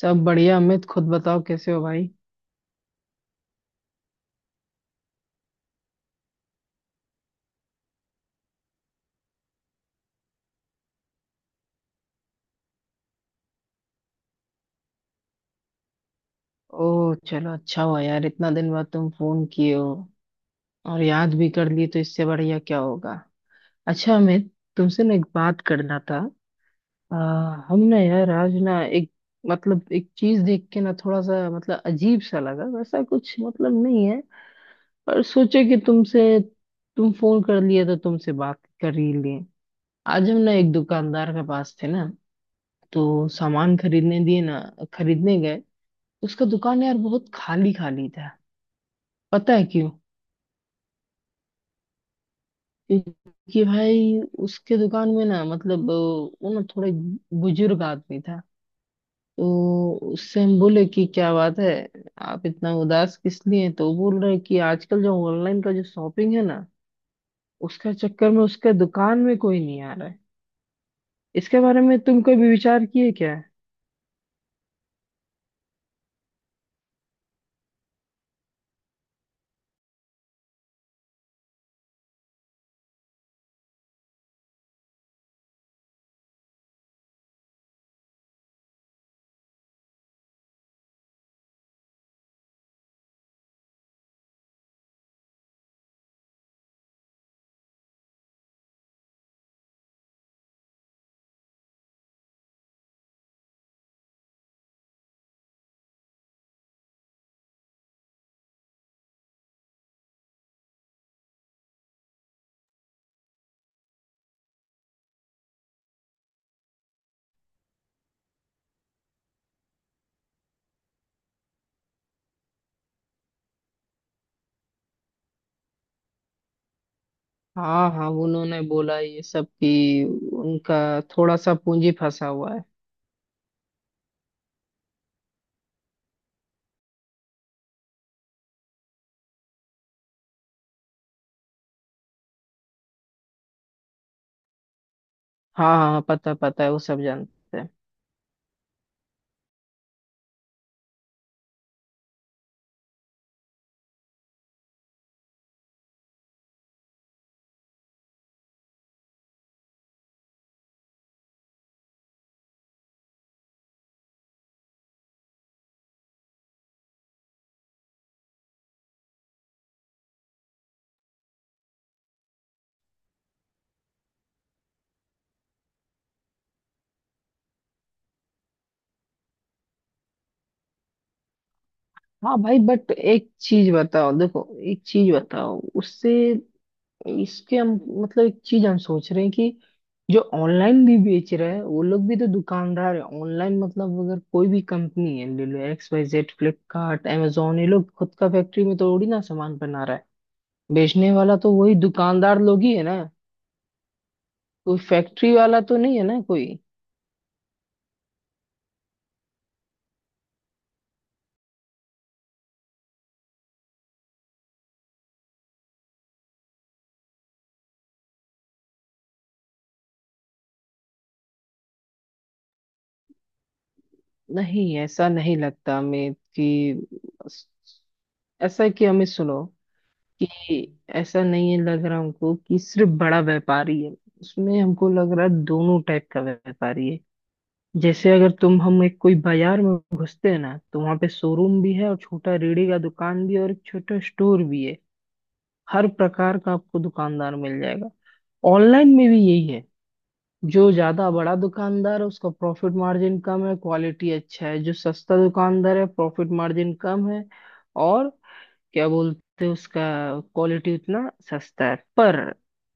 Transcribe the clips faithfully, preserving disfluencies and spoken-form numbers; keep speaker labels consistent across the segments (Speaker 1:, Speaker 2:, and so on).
Speaker 1: सब बढ़िया अमित, खुद बताओ कैसे हो भाई। ओह चलो, अच्छा हुआ यार इतना दिन बाद तुम फोन किए हो और याद भी कर लिए, तो इससे बढ़िया क्या होगा। अच्छा अमित, तुमसे ना एक बात करना था। आ, हम ना यार आज ना एक, मतलब एक चीज देख के ना थोड़ा सा मतलब अजीब सा लगा, वैसा कुछ मतलब नहीं है पर सोचे कि तुमसे तुम फोन कर लिए तो तुमसे बात कर ही लिए। आज हम ना एक दुकानदार के पास थे ना, तो सामान खरीदने दिए ना, खरीदने गए। उसका दुकान यार बहुत खाली खाली था। पता है क्यों? क्योंकि भाई उसके दुकान में ना मतलब अ, वो ना थोड़े बुजुर्ग आदमी था। तो उससे हम बोले कि क्या बात है, आप इतना उदास किस लिए हैं? तो वो बोल रहे कि आजकल जो ऑनलाइन का जो शॉपिंग है ना, उसका चक्कर में उसके दुकान में कोई नहीं आ रहा है। इसके बारे में तुम कभी विचार किए क्या? हाँ हाँ, उन्होंने बोला ये सब कि उनका थोड़ा सा पूंजी फंसा हुआ है। हाँ हाँ हाँ, पता पता है वो सब जानते हैं। हाँ भाई, बट एक चीज बताओ, देखो एक चीज बताओ उससे इसके हम, मतलब एक चीज हम सोच रहे हैं कि जो ऑनलाइन भी बेच रहे हैं वो लोग भी तो दुकानदार है। ऑनलाइन मतलब अगर कोई भी कंपनी है, ले लो X Y Z Flipkart amazon, ये लोग खुद का फैक्ट्री में थोड़ी ना सामान बना रहा है। बेचने वाला तो वही दुकानदार लोग ही है ना, कोई फैक्ट्री वाला तो नहीं है ना कोई। नहीं, ऐसा नहीं लगता हमें कि, ऐसा है कि हमें सुनो कि ऐसा नहीं है लग रहा हमको कि सिर्फ बड़ा व्यापारी है। उसमें हमको लग रहा है दोनों टाइप का व्यापारी है। जैसे अगर तुम हम एक कोई बाजार में घुसते हैं ना, तो वहां पे शोरूम भी है, और छोटा रेड़ी का दुकान भी है, और एक छोटा स्टोर भी है। हर प्रकार का आपको दुकानदार मिल जाएगा। ऑनलाइन में भी यही है। जो ज्यादा बड़ा दुकानदार है उसका प्रॉफिट मार्जिन कम है, क्वालिटी अच्छा है, जो सस्ता दुकानदार है प्रॉफिट मार्जिन कम है, और क्या बोलते हैं उसका क्वालिटी उतना, सस्ता है। पर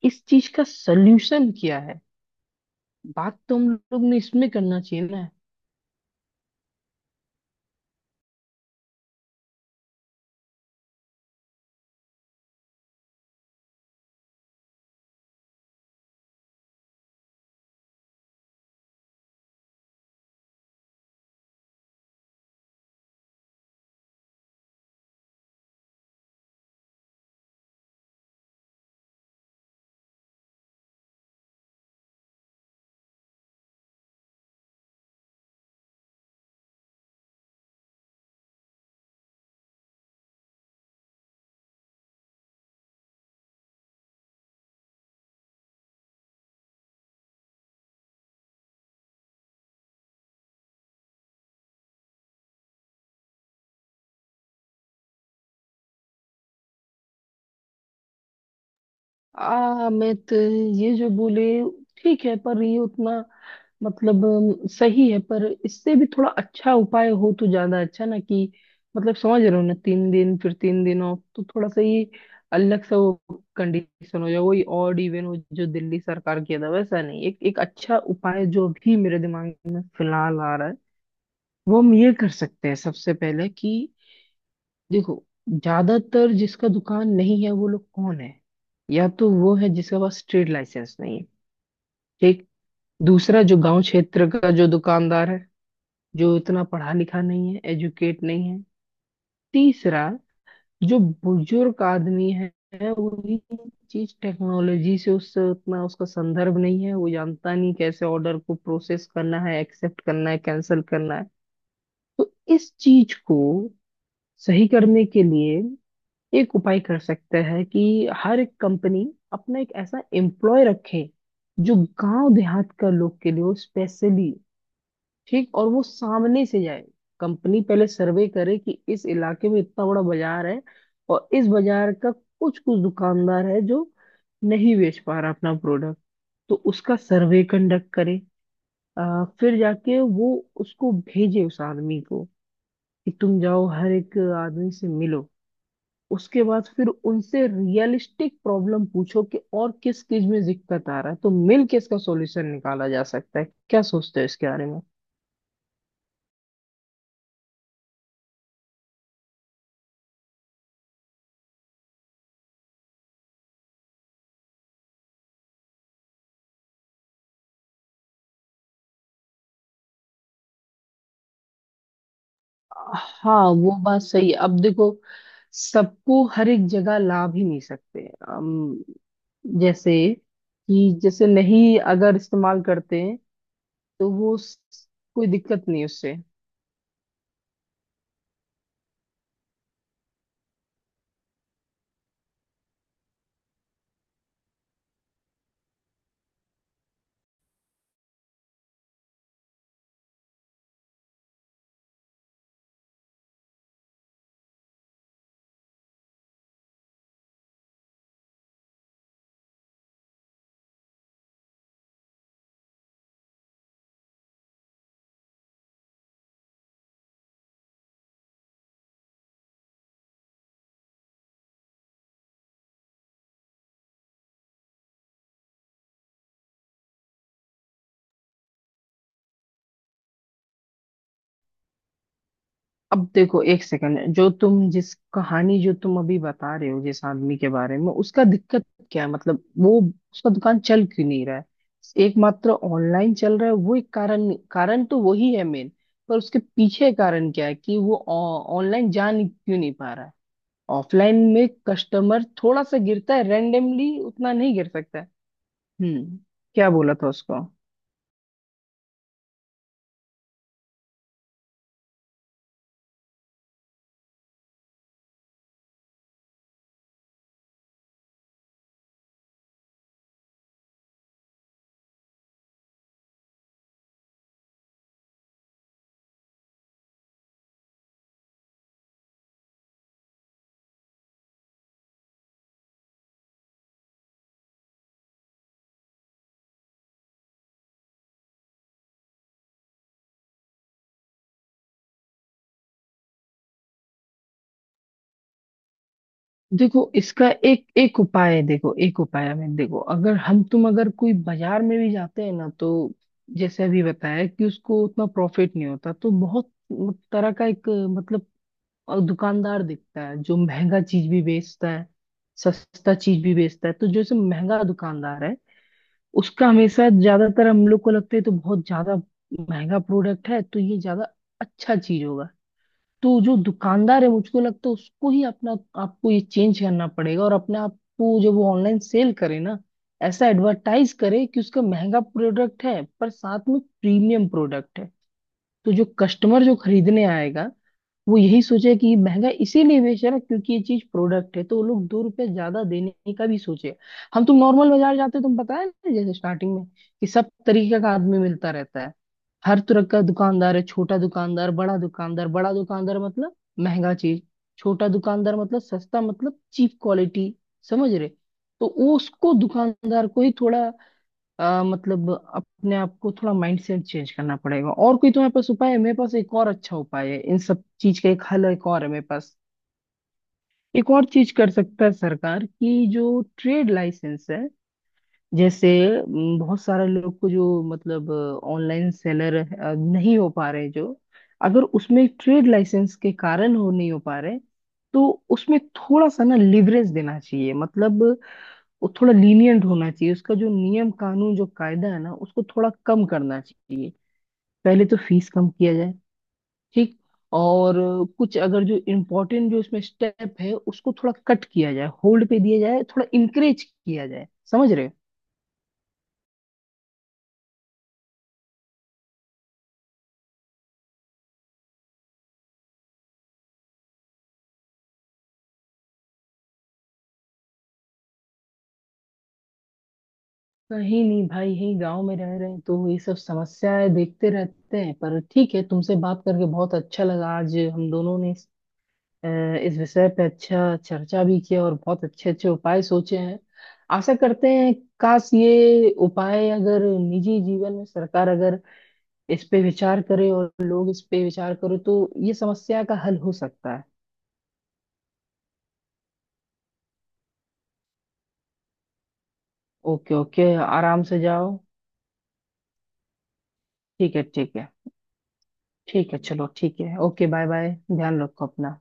Speaker 1: इस चीज का सोल्यूशन क्या है, बात तो हम लोग ने इसमें करना चाहिए ना। आ मैं तो ये जो बोले ठीक है, पर ये उतना, मतलब अम, सही है पर इससे भी थोड़ा अच्छा उपाय हो तो ज्यादा अच्छा ना कि, मतलब समझ रहे हो ना, तीन दिन फिर तीन दिन ऑफ तो थोड़ा सा ये अलग सा वो कंडीशन हो जाए, वही ऑड इवन हो जो दिल्ली सरकार किया था, वैसा नहीं। एक एक अच्छा उपाय जो भी मेरे दिमाग में फिलहाल आ रहा है वो हम ये कर सकते हैं सबसे पहले कि, देखो, ज्यादातर जिसका दुकान नहीं है वो लोग कौन है? या तो वो है जिसके पास ट्रेड लाइसेंस नहीं है, ठीक। दूसरा, जो गांव क्षेत्र का जो दुकानदार है, जो इतना पढ़ा लिखा नहीं है, एजुकेट नहीं है। तीसरा, जो बुजुर्ग आदमी है, वही चीज टेक्नोलॉजी से उससे उतना उसका संदर्भ नहीं है, वो जानता नहीं कैसे ऑर्डर को प्रोसेस करना है, एक्सेप्ट करना है, कैंसिल करना है। तो इस चीज को सही करने के लिए एक उपाय कर सकते हैं कि हर एक कंपनी अपना एक ऐसा एम्प्लॉय रखे जो गांव देहात का लोग के लिए हो स्पेशली, ठीक, और वो सामने से जाए। कंपनी पहले सर्वे करे कि इस इलाके में इतना बड़ा बाजार है, और इस बाजार का कुछ कुछ दुकानदार है जो नहीं बेच पा रहा अपना प्रोडक्ट, तो उसका सर्वे कंडक्ट करे। अ, फिर जाके वो उसको भेजे उस आदमी को कि तुम जाओ हर एक आदमी से मिलो, उसके बाद फिर उनसे रियलिस्टिक प्रॉब्लम पूछो कि और किस चीज में दिक्कत आ रहा है, तो मिल के इसका सॉल्यूशन निकाला जा सकता है। क्या सोचते हो इसके बारे में? हाँ वो बात सही है। अब देखो, सबको हर एक जगह ला भी नहीं सकते हम, जैसे कि जैसे नहीं अगर इस्तेमाल करते हैं, तो वो स- कोई दिक्कत नहीं उससे। अब देखो एक सेकंड, जो तुम जिस कहानी जो तुम अभी बता रहे हो, जिस आदमी के बारे में उसका दिक्कत क्या है मतलब, वो उसका दुकान चल क्यों नहीं रहा है? एकमात्र ऑनलाइन चल रहा है, वो एक कारण, कारण तो वही है मेन। पर उसके पीछे कारण क्या है कि वो ऑनलाइन जा नहीं, क्यों नहीं पा रहा है? ऑफलाइन में कस्टमर थोड़ा सा गिरता है, रेंडमली उतना नहीं गिर सकता है। हम्म। क्या बोला था उसको? देखो इसका एक एक उपाय है, देखो एक उपाय है। मैं देखो अगर हम तुम अगर कोई बाजार में भी जाते हैं ना, तो जैसे अभी बताया कि उसको उतना प्रॉफिट नहीं होता, तो बहुत तरह का एक मतलब दुकानदार दिखता है जो महंगा चीज भी बेचता है, सस्ता चीज भी बेचता है। तो जो जैसे महंगा दुकानदार है उसका हमेशा ज्यादातर हम लोग को लगता है तो बहुत ज्यादा महंगा प्रोडक्ट है तो ये ज्यादा अच्छा चीज होगा। तो जो दुकानदार है मुझको लगता है उसको ही अपना, आपको ये चेंज करना पड़ेगा और अपने आप को जब वो ऑनलाइन सेल करे ना ऐसा एडवर्टाइज करे कि उसका महंगा प्रोडक्ट है पर साथ में प्रीमियम प्रोडक्ट है। तो जो कस्टमर जो खरीदने आएगा वो यही सोचे कि महंगा इसीलिए बेच रहा है क्योंकि ये चीज प्रोडक्ट है, तो वो लोग दो रुपए ज्यादा देने का भी सोचे। हम तुम नॉर्मल बाजार जाते हो तुम पता है ना जैसे स्टार्टिंग में कि सब तरीके का आदमी मिलता रहता है, हर तरह का दुकानदार है, छोटा दुकानदार, बड़ा दुकानदार, बड़ा दुकानदार मतलब महंगा चीज, छोटा दुकानदार मतलब सस्ता मतलब चीप क्वालिटी, समझ रहे। तो वो उसको दुकानदार को ही थोड़ा आ, मतलब अपने आप को थोड़ा माइंडसेट चेंज करना पड़ेगा। और कोई तुम्हारे पास उपाय है? मेरे पास एक और अच्छा उपाय है, इन सब चीज का एक हल एक और है मेरे पास। एक और चीज कर सकता है सरकार कि जो ट्रेड लाइसेंस है, जैसे म, बहुत सारे लोग को जो मतलब ऑनलाइन सेलर नहीं हो पा रहे, जो अगर उसमें ट्रेड लाइसेंस के कारण हो नहीं हो पा रहे, तो उसमें थोड़ा सा ना लिवरेज देना चाहिए मतलब वो थोड़ा लीनियंट होना चाहिए। उसका जो नियम कानून जो कायदा है ना उसको थोड़ा कम करना चाहिए, पहले तो फीस कम किया जाए, ठीक। और कुछ अगर जो इम्पोर्टेंट जो इसमें स्टेप है उसको थोड़ा कट किया जाए, होल्ड पे दिया जाए, थोड़ा इंकरेज किया जाए, समझ रहे हो। कहीं नहीं भाई, यही गांव में रह रहे हैं, तो ये सब समस्याएं देखते रहते हैं, पर ठीक है। तुमसे बात करके बहुत अच्छा लगा, आज हम दोनों ने अ, इस विषय पे अच्छा चर्चा भी किया और बहुत अच्छे अच्छे उपाय सोचे हैं। आशा करते हैं काश ये उपाय अगर निजी जीवन में सरकार अगर इस पे विचार करे और लोग इस पे विचार करें, तो ये समस्या का हल हो सकता है। ओके ओके, आराम से जाओ। ठीक है ठीक है। ठीक है चलो, ठीक है, ओके, बाय बाय, ध्यान रखो अपना।